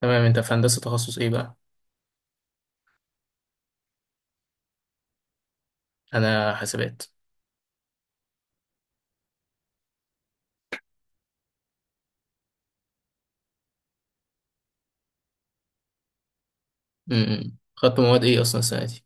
تمام انت في هندسة تخصص ايه بقى؟ انا حاسبات. خدت مواد ايه اصلا السنة دي؟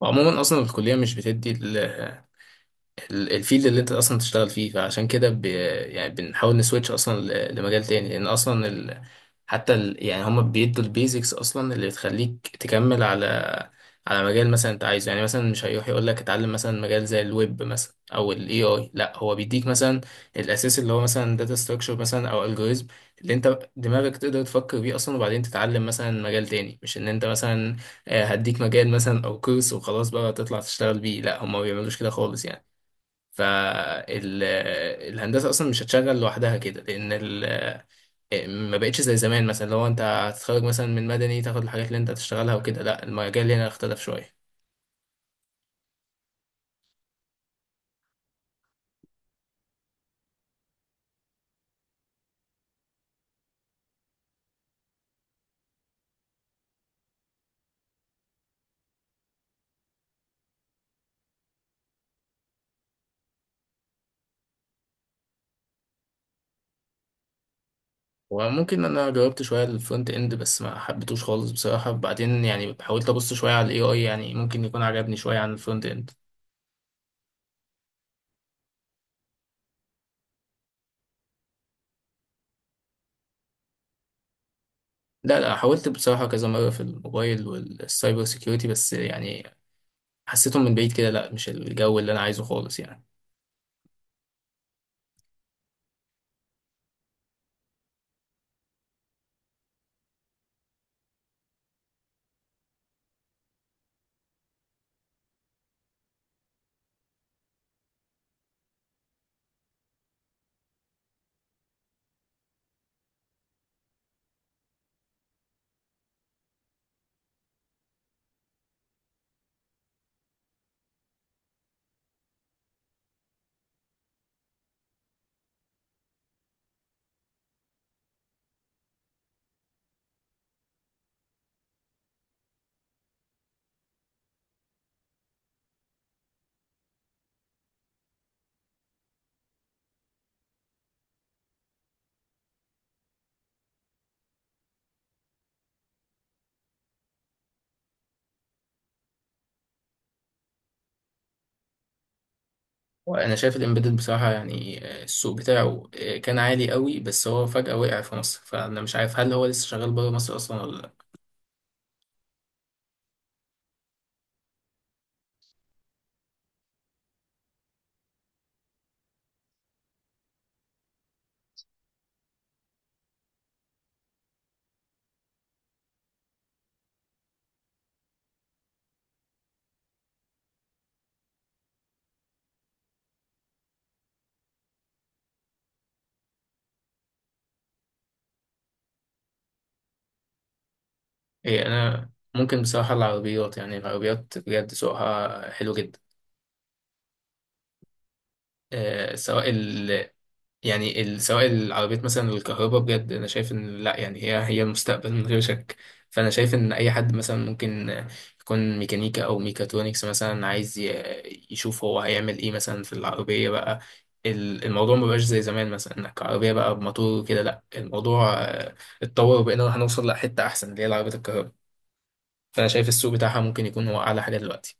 وعموما اصلا الكلية مش بتدي الفيلد اللي انت اصلا تشتغل فيه، فعشان كده يعني بنحاول نسويتش اصلا لمجال تاني، لان اصلا يعني هما بيدوا البيزكس اصلا اللي بتخليك تكمل على مجال مثلا انت عايزه، يعني مثلا مش هيروح يقول لك اتعلم مثلا مجال زي الويب مثلا او الاي اي، لا هو بيديك مثلا الاساس اللي هو مثلا داتا ستراكشر مثلا او الجوريزم اللي انت دماغك تقدر تفكر بيه اصلا، وبعدين تتعلم مثلا مجال تاني، مش ان انت مثلا هديك مجال مثلا او كورس وخلاص بقى تطلع تشتغل بيه، لا هما ما بيعملوش كده خالص يعني. فالهندسة أصلا مش هتشغل لوحدها كده، لأن ما بقتش زي زمان، مثلا لو أنت هتتخرج مثلا من مدني تاخد الحاجات اللي أنت هتشتغلها وكده، لأ المجال هنا اختلف شوية. وممكن، أنا جربت شوية الفرونت إند بس ما حبيتوش خالص بصراحة، بعدين يعني حاولت أبص شوية على ال AI، يعني ممكن يكون عجبني شوية عن الفرونت إند. لا لا، حاولت بصراحة كذا مرة في الموبايل والسايبر سيكيورتي، بس يعني حسيتهم من بعيد كده، لا مش الجو اللي أنا عايزه خالص يعني. وانا شايف الامبيدد بصراحه، يعني السوق بتاعه كان عالي قوي، بس هو فجاه وقع في مصر، فانا مش عارف هل هو لسه شغال بره مصر اصلا ولا لا. إيه انا، ممكن بصراحه العربيات، يعني العربيات بجد سوقها حلو جدا، سواء يعني سواء العربيات مثلا الكهرباء، بجد انا شايف ان لا يعني هي المستقبل من غير شك. فانا شايف ان اي حد مثلا ممكن يكون ميكانيكا او ميكاترونكس مثلا، عايز يشوف هو هيعمل ايه مثلا في العربية بقى. الموضوع ما بقاش زي زمان، مثلا انك عربية بقى بموتور كده، لا الموضوع اتطور، وبقينا هنوصل لحتة احسن اللي هي العربيات الكهرباء، فانا شايف السوق بتاعها ممكن يكون هو اعلى حاجة دلوقتي.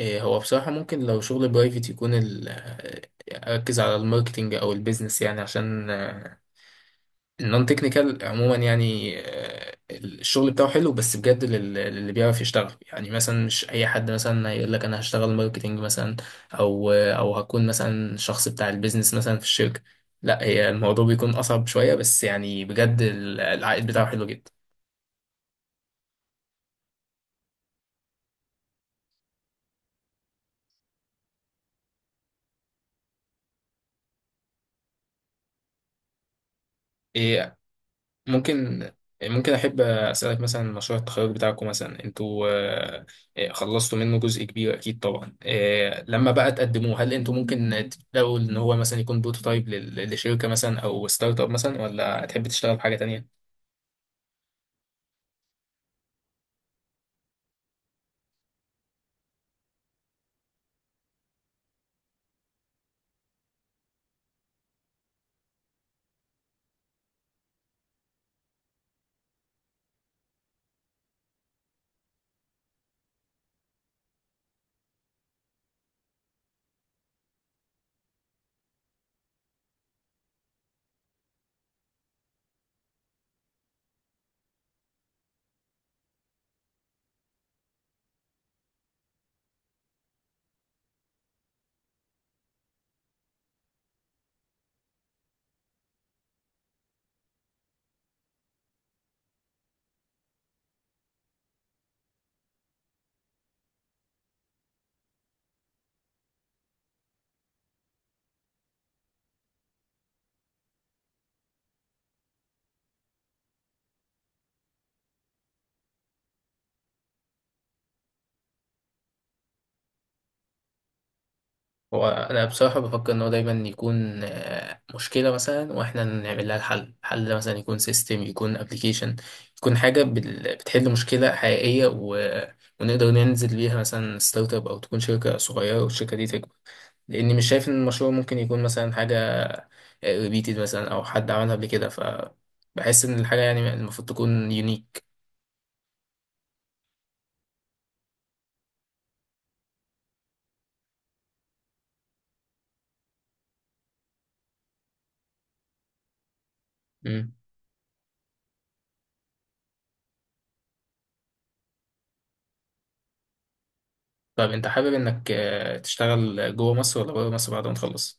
إيه، هو بصراحة ممكن لو شغل برايفت يكون أركز على الماركتينج أو البيزنس، يعني عشان النون تكنيكال عموما، يعني الشغل بتاعه حلو بس بجد للي بيعرف يشتغل، يعني مثلا مش أي حد مثلا هيقول لك أنا هشتغل ماركتينج مثلا، أو هكون مثلا شخص بتاع البيزنس مثلا في الشركة، لا هي الموضوع بيكون أصعب شوية، بس يعني بجد العائد بتاعه حلو جدا. إيه، ممكن، احب اسالك مثلا مشروع التخرج بتاعكم، مثلا انتوا خلصتوا منه جزء كبير اكيد طبعا، لما بقى تقدموه هل انتوا ممكن تبداوا ان هو مثلا يكون بروتوتايب لشركه مثلا او ستارت اب مثلا، ولا هتحب تشتغل بحاجه تانية؟ هو انا بصراحه بفكر ان هو دايما يكون مشكله مثلا واحنا نعمل لها الحل، حل مثلا يكون سيستم، يكون ابلكيشن، يكون حاجه بتحل مشكله حقيقيه، و ونقدر ننزل بيها مثلا ستارت اب، او تكون شركه صغيره والشركه دي تكبر، لاني مش شايف ان المشروع ممكن يكون مثلا حاجه ريبيتد مثلا او حد عملها قبل كده، فبحس ان الحاجه يعني المفروض تكون يونيك. طب انت حابب انك تشتغل جوه مصر ولا بره مصر بعد ما تخلص؟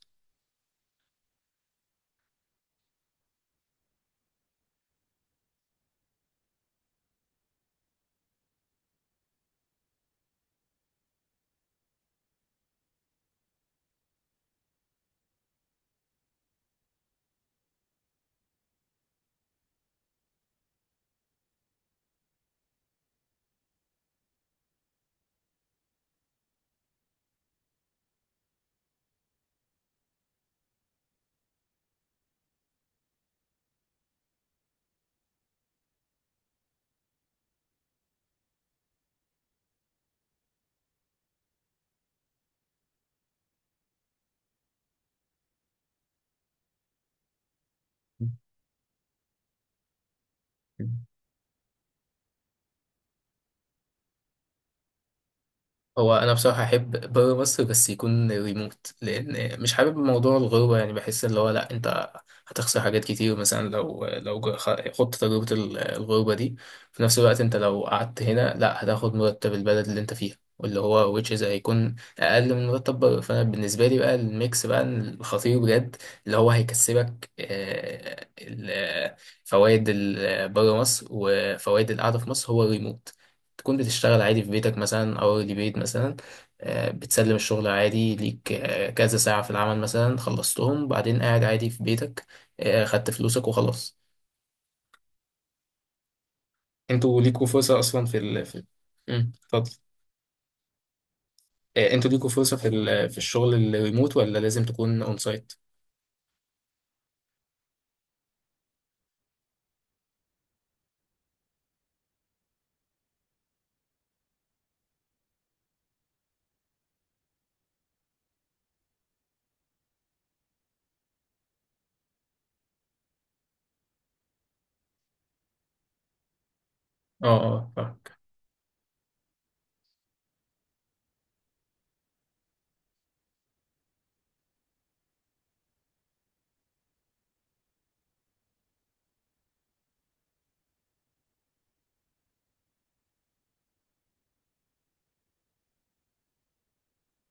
هو انا بصراحه احب بره مصر، بس يكون ريموت، لان مش حابب موضوع الغربه، يعني بحس اللي هو لا، انت هتخسر حاجات كتير مثلا لو خدت تجربه الغربه دي. في نفس الوقت انت لو قعدت هنا، لا هتاخد مرتب البلد اللي انت فيها، واللي هو which is هيكون اقل من مرتب بره، فانا بالنسبه لي بقى الميكس بقى الخطير بجد، اللي هو هيكسبك فوائد بره مصر وفوائد القعده في مصر، هو الريموت. تكون بتشتغل عادي في بيتك مثلا او بيت مثلا، بتسلم الشغل عادي ليك، كذا ساعة في العمل مثلا خلصتهم، بعدين قاعد عادي في بيتك، خدت فلوسك وخلاص. انتوا ليكوا فرصة اصلا في مم، اتفضل. انتوا ليكوا فرصة في الشغل الريموت، ولا لازم تكون اون سايت؟ اه، اه فاهمك.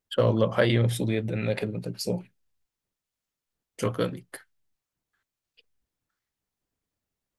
ان شاء الله، حقيقي مبسوط جدا انك كلمتك بصراحة، شكرا ليك.